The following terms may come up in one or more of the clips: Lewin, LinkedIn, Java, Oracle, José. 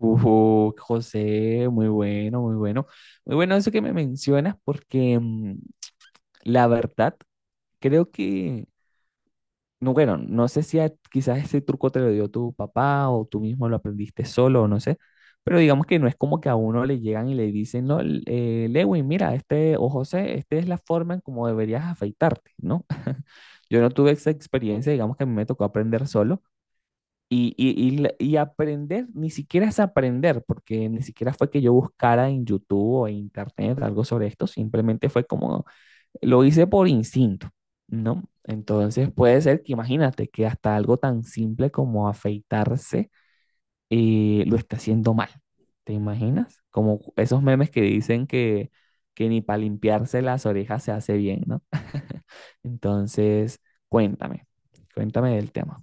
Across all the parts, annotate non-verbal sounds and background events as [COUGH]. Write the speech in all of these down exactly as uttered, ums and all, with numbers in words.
Uh, José, muy bueno, muy bueno. Muy bueno eso que me mencionas porque mm, la verdad creo que, no, bueno, no sé si a- quizás ese truco te lo dio tu papá o tú mismo lo aprendiste solo, o no sé, pero digamos que no es como que a uno le llegan y le dicen, no, L- eh, Lewin, mira, este, o José, esta es la forma en cómo deberías afeitarte, ¿no? [LAUGHS] Yo no tuve esa experiencia, digamos que a mí me tocó aprender solo. Y, y- y la- y aprender, ni siquiera es aprender, porque ni siquiera fue que yo buscara en YouTube o en Internet algo sobre esto, simplemente fue como lo hice por instinto, ¿no? Entonces puede ser que imagínate que hasta algo tan simple como afeitarse eh, lo está haciendo mal, ¿te imaginas? Como esos memes que dicen que, que ni para limpiarse las orejas se hace bien, ¿no? [LAUGHS] Entonces, cuéntame, cuéntame del tema.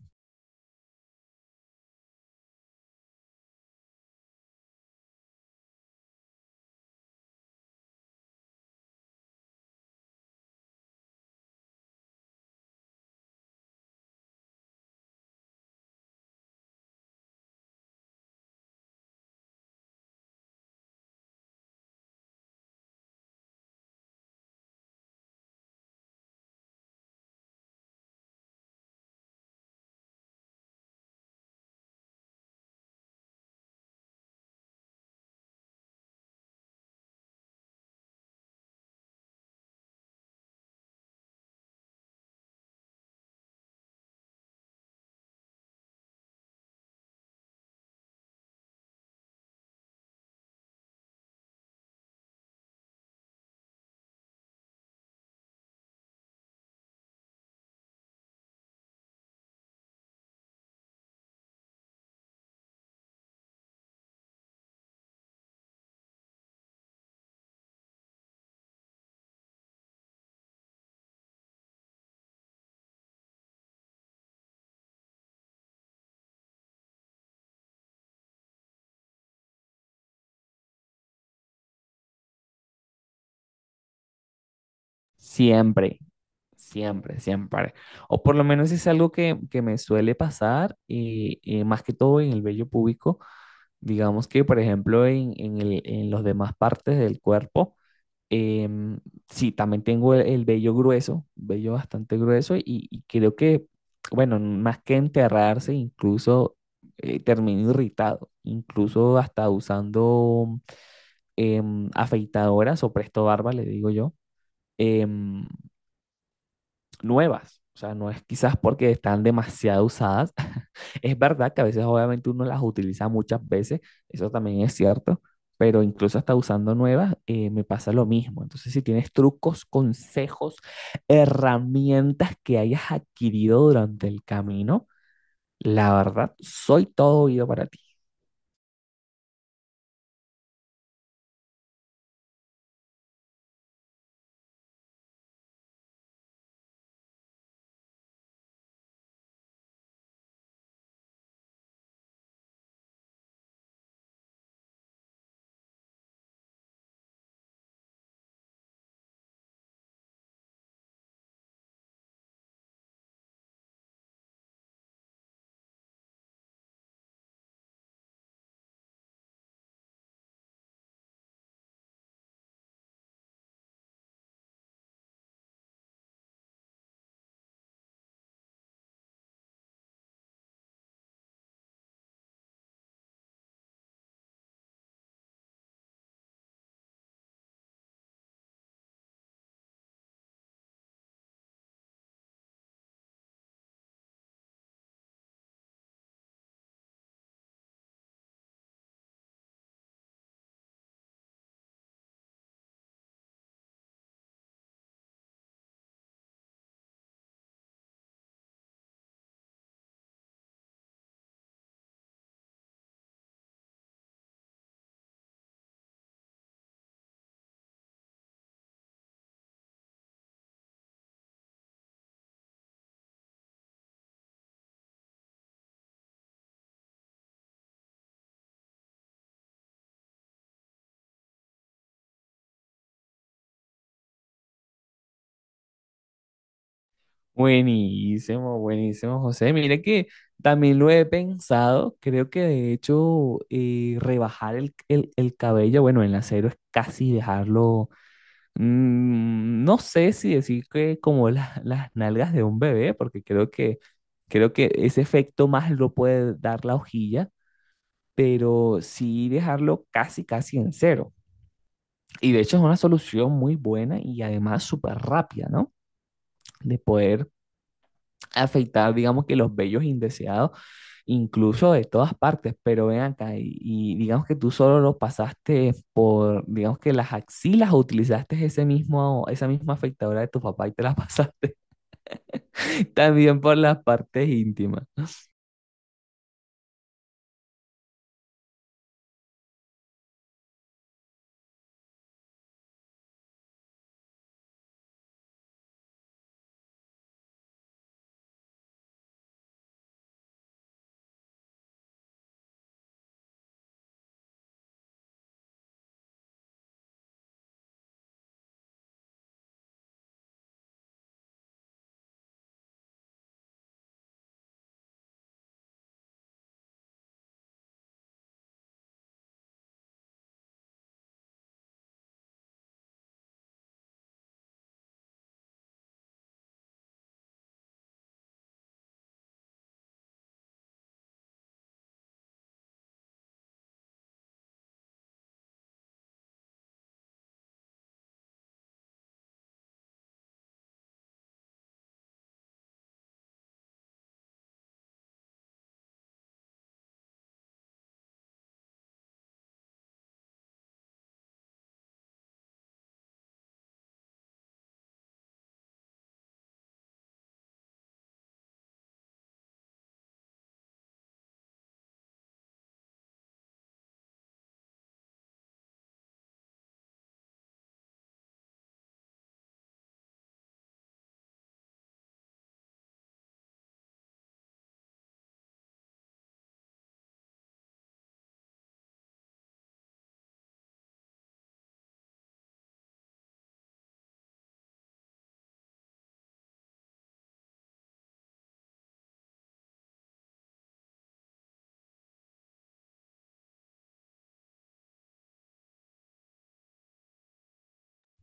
Siempre. Siempre, siempre. O por lo menos es algo que, que me suele pasar, y, y más que todo en el vello púbico. Digamos que, por ejemplo, en, en el- en los demás partes del cuerpo, em, sí, también tengo el, el vello grueso, vello bastante grueso, y, y creo que, bueno, más que enterrarse, incluso eh, termino irritado, incluso hasta usando em, afeitadoras o presto barba, le digo yo. em, Nuevas. O sea, no es quizás porque están demasiado usadas. [LAUGHS] Es verdad que a veces obviamente uno las utiliza muchas veces, eso también es cierto, pero incluso hasta usando nuevas eh, me pasa lo mismo. Entonces, si tienes trucos, consejos, herramientas que hayas adquirido durante el camino, la verdad, soy todo oído para ti. Buenísimo, buenísimo, José. Mira que también lo he pensado. Creo que de hecho eh, rebajar el, el- el cabello, bueno, en la cero es casi dejarlo, mm, no sé si decir que como la- las nalgas de un bebé, porque creo que, creo que ese efecto más lo puede dar la hojilla, pero sí dejarlo casi, casi en cero. Y de hecho es una solución muy buena y además súper rápida, ¿no? De poder afectar, digamos que los vellos indeseados, incluso de todas partes, pero ven acá y, y digamos que tú solo lo pasaste por, digamos que las axilas o utilizaste ese mismo, esa misma afectadora de tu papá y te la pasaste [LAUGHS] también por las partes íntimas.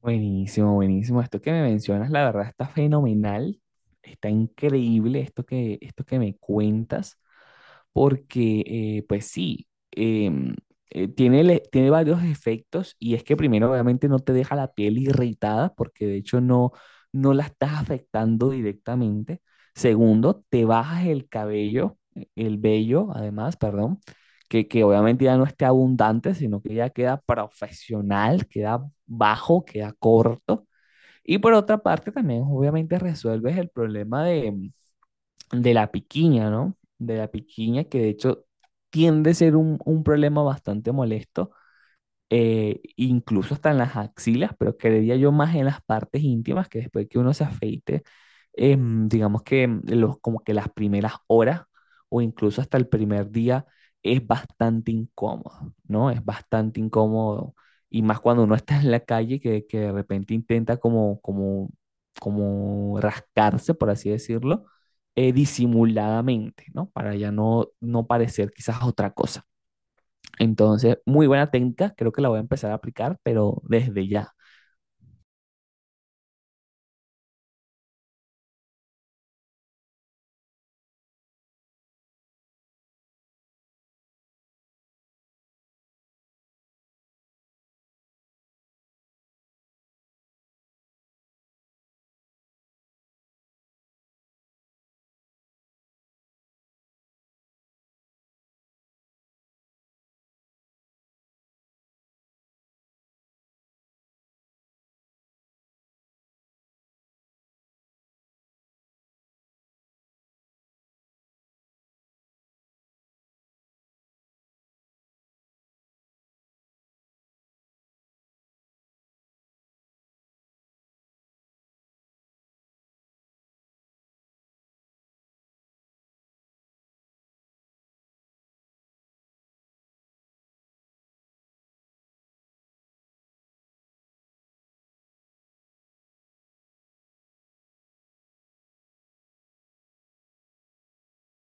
Buenísimo, buenísimo. Esto que me mencionas, la verdad, está fenomenal, está increíble esto que, esto que me cuentas. Porque eh, pues sí, em, eh, tiene, le- tiene varios efectos y es que primero obviamente no te deja la piel irritada porque de hecho no, no la estás afectando directamente. Segundo, te bajas el cabello, eh, el vello además, perdón, que, que obviamente ya no esté abundante, sino que ya queda profesional, queda bajo, queda corto. Y por otra parte también obviamente resuelves el problema de de la piquiña, ¿no? De la piquiña, que de hecho tiende a ser un, un problema bastante molesto eh, incluso hasta en las axilas, pero creería yo más en las partes íntimas, que después que uno se afeite, em, digamos que em, los, como que las primeras horas o incluso hasta el primer día es bastante incómodo, ¿no? Es bastante incómodo. Y más cuando uno está en la calle que, que de repente intenta como, como, como rascarse, por así decirlo, eh, disimuladamente, ¿no? Para ya no, no parecer quizás otra cosa. Entonces, muy buena técnica, creo que la voy a empezar a aplicar, pero desde ya.